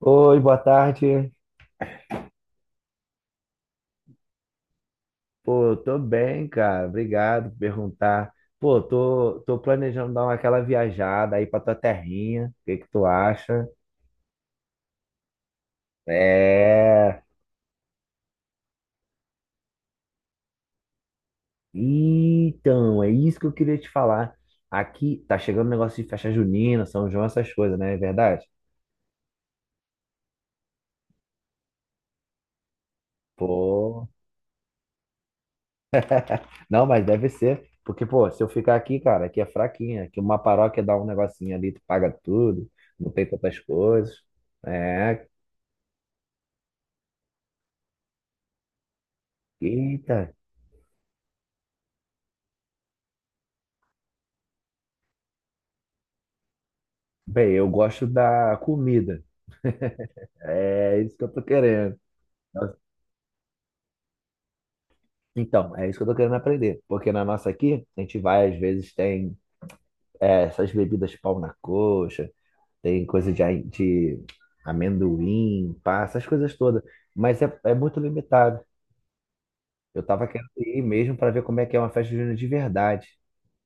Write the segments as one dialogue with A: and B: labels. A: Oi, boa tarde. Pô, tô bem, cara. Obrigado por perguntar. Pô, tô planejando dar aquela viajada aí pra tua terrinha. O que que tu acha? É. Então, é isso que eu queria te falar. Aqui tá chegando o negócio de festa junina, São João, essas coisas, né? É verdade? Pô. Não, mas deve ser. Porque, pô, se eu ficar aqui, cara, aqui é fraquinha. Aqui uma paróquia dá um negocinho ali, tu paga tudo, não tem tantas coisas. É. Eita. Bem, eu gosto da comida. É isso que eu tô querendo. Então, é isso que eu tô querendo aprender. Porque na nossa aqui, a gente vai, às vezes, tem é, essas bebidas pau na coxa, tem coisa de amendoim, pá, essas coisas todas. Mas é muito limitado. Eu tava querendo ir mesmo para ver como é que é uma festa junina de verdade.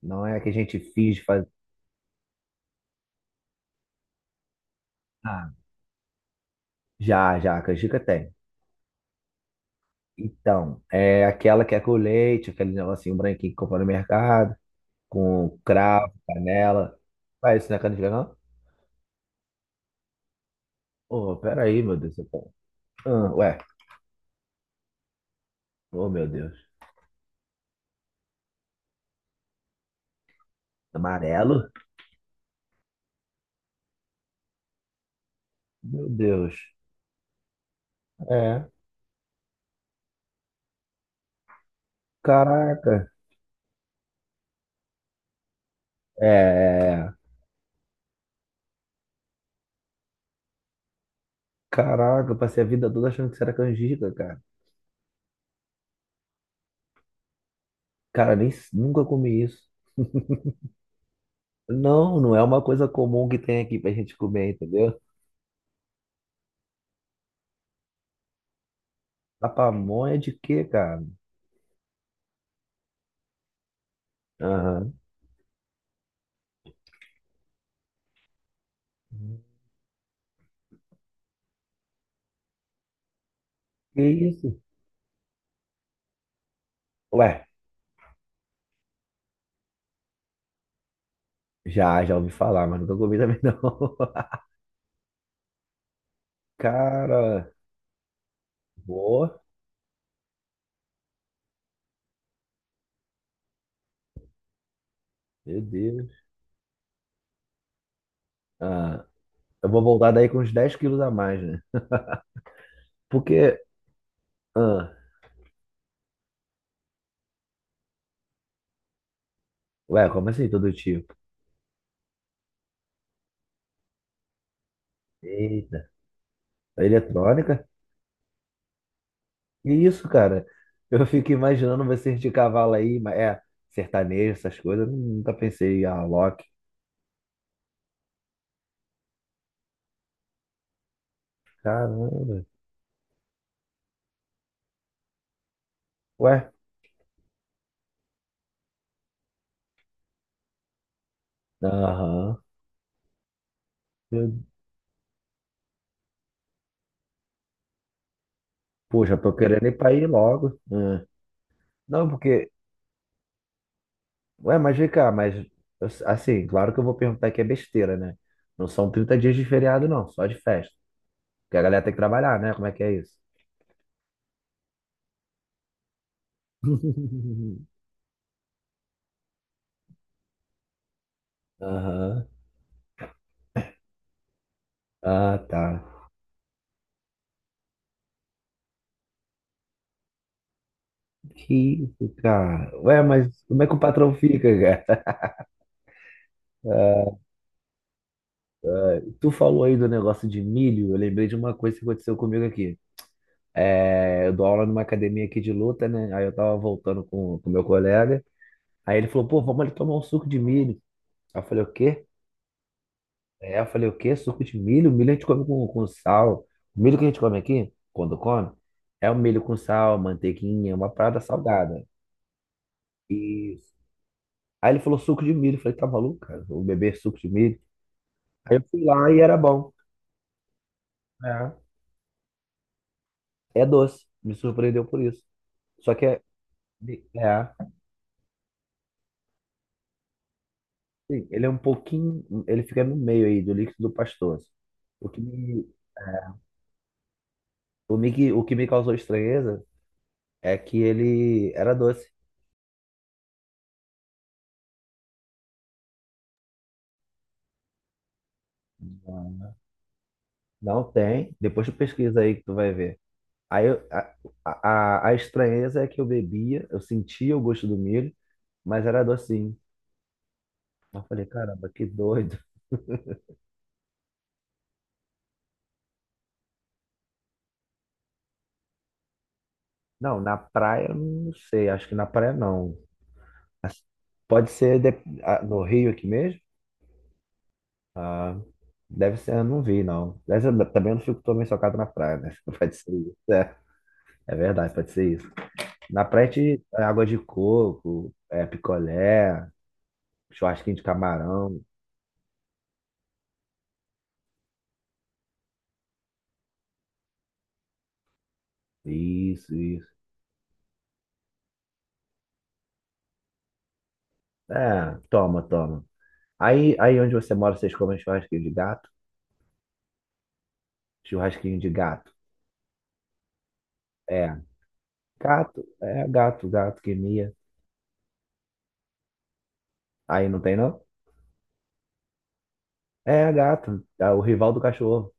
A: Não é a que a gente finge fazer. Ah, já, já, a canjica tem. Então, é aquela que é com leite, aquele negocinho branquinho que compra no mercado, com cravo, canela. Vai, isso não é canjica, não? Oh, peraí, meu Deus do céu. Ah, ué, oh, meu Deus. Amarelo? Meu Deus. É. Caraca. É. É, é. Caraca, eu passei a vida toda achando que isso era canjica, cara. Cara, nem nunca comi isso. Não, não é uma coisa comum que tem aqui pra gente comer, entendeu? A pamonha de quê, cara? Aham. Que isso? Ué, já, já ouvi falar, mas nunca comi também não. Cara, boa, meu Deus. Ah, eu vou voltar daí com uns 10 quilos a mais, né? Porque, ah, ué, como assim todo tipo? Eita, a eletrônica? Que isso, cara? Eu fico imaginando vocês de cavalo aí, mas é, sertanejo, essas coisas, eu nunca pensei, ah, Loki. Caramba, ué, aham. Eu- Poxa, tô querendo ir pra ir logo. Ah, não, porque, ué, mas vem cá, mas, assim, claro que eu vou perguntar que é besteira, né? Não são 30 dias de feriado, não, só de festa. Porque a galera tem que trabalhar, né? Como é que é isso? Aham. Ah, tá. Que isso, cara. Ué, mas como é que o patrão fica, cara? Ah, tu falou aí do negócio de milho, eu lembrei de uma coisa que aconteceu comigo aqui. É, eu dou aula numa academia aqui de luta, né? Aí eu tava voltando com o meu colega. Aí ele falou, pô, vamos ali tomar um suco de milho. Aí eu falei, o quê? É, eu falei, o quê? Suco de milho? Milho a gente come com sal. O milho que a gente come aqui, quando come, é o milho com sal, manteiguinha, uma parada salgada. Isso. Aí ele falou suco de milho. Eu falei, tá maluco, cara? Vou beber suco de milho. Aí eu fui lá e era bom. É. É doce. Me surpreendeu por isso. Só que é. É. Sim, ele é um pouquinho. Ele fica no meio aí do líquido pastoso. O que me, o que me causou estranheza é que ele era doce. Não tem. Depois tu pesquisa aí que tu vai ver. Aí eu- a estranheza é que eu bebia, eu sentia o gosto do milho, mas era docinho. Eu falei, caramba, que doido. Não, na praia, eu não sei. Acho que na praia não. Mas pode ser, ah, no Rio aqui mesmo? Ah, deve ser, eu não vi, não. Mas eu também não fico também socado na praia, né? Pode ser isso. É, é verdade, pode ser isso. Na praia, é água de coco, é picolé, churrasquinho de camarão. Isso, isso. É, toma, toma. Aí, onde você mora, vocês comem churrasquinho de gato? Churrasquinho de gato. É, gato, é gato, gato que mia. Aí não tem, não? É a gata, tá? O rival do cachorro.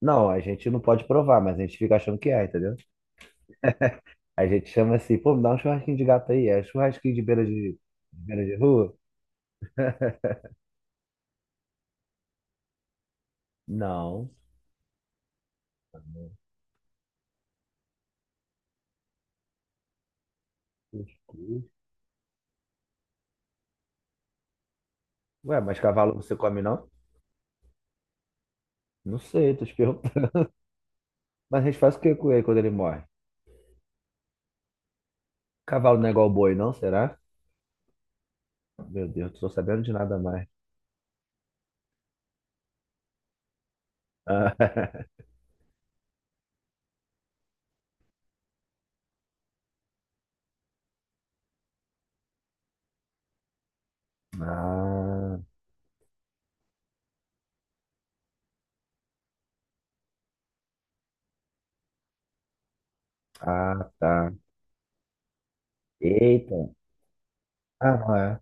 A: Não, a gente não pode provar, mas a gente fica achando que é, entendeu? A gente chama assim, pô, me dá um churrasquinho de gato aí. É churrasquinho de beira de beira de rua? Não. Não. Cuscuz. Ué, mas cavalo você come não? Não sei, tô te perguntando. Mas a gente faz o que com ele quando ele morre? Cavalo não é igual boi, não? Será? Meu Deus, não tô sabendo de nada mais. Ah, ah, tá. Eita. Ah, não é.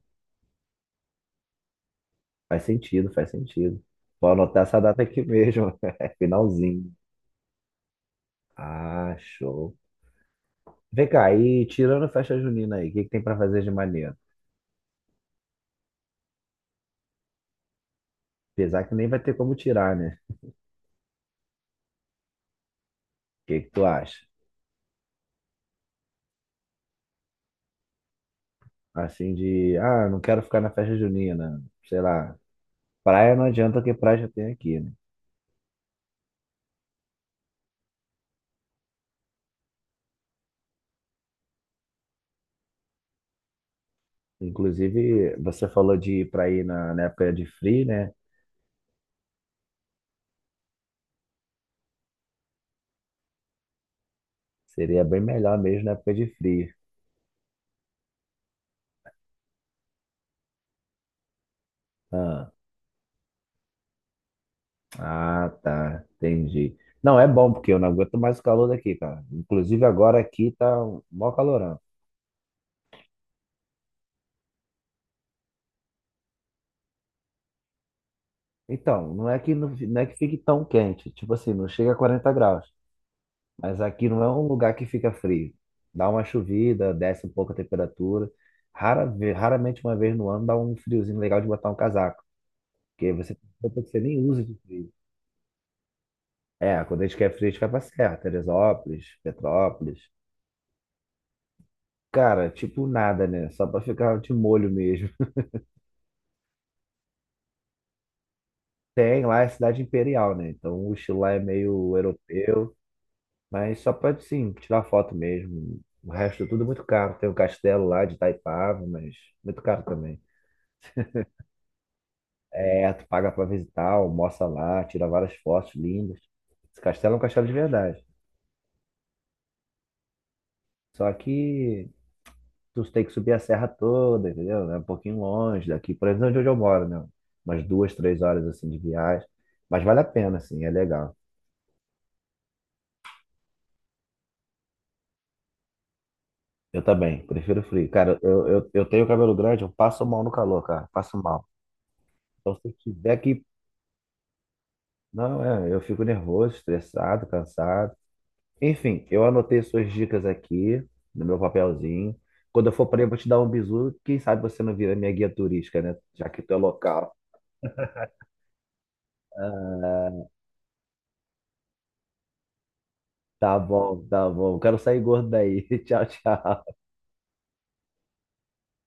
A: Faz sentido, faz sentido. Vou anotar essa data aqui mesmo. É finalzinho. Ah, show. Vem cá, e tirando a festa junina aí, o que que tem pra fazer de maneiro? Apesar que nem vai ter como tirar, né? O que que tu acha? Assim de, ah, não quero ficar na festa junina, sei lá. Praia não adianta que praia já tem aqui, né? Inclusive, você falou de ir pra ir na época de frio, né? Seria bem melhor mesmo na época de frio. Ah, ah, tá, entendi. Não, é bom, porque eu não aguento mais o calor daqui, cara. Inclusive agora aqui tá um mó calorão. Então, não é que fique tão quente, tipo assim, não chega a 40 graus, mas aqui não é um lugar que fica frio. Dá uma chovida, desce um pouco a temperatura. Raramente uma vez no ano dá um friozinho legal de botar um casaco, porque você tem roupa que você nem usa de frio. É, quando a gente quer frio, a gente vai pra Serra, Teresópolis, Petrópolis. Cara, tipo nada, né? Só pra ficar de molho mesmo. Tem lá é cidade imperial, né? Então o estilo lá é meio europeu, mas só pode sim tirar foto mesmo. O resto é tudo muito caro. Tem um castelo lá de Itaipava, mas muito caro também. É, tu paga pra visitar, almoça lá, tira várias fotos lindas. Esse castelo é um castelo de verdade. Só que tu tem que subir a serra toda, entendeu? É um pouquinho longe daqui, por exemplo, de onde eu moro, né? Umas 2, 3 horas assim de viagem. Mas vale a pena, assim, é legal. Eu também, prefiro frio. Cara, eu tenho cabelo grande, eu passo mal no calor, cara. Passo mal. Então, se tiver que. Não, é, eu fico nervoso, estressado, cansado. Enfim, eu anotei suas dicas aqui no meu papelzinho. Quando eu for para aí, eu vou te dar um bisu. Quem sabe você não vira minha guia turística, né? Já que tu é local. Ah, tá bom, tá bom. Quero sair gordo daí. Tchau, tchau.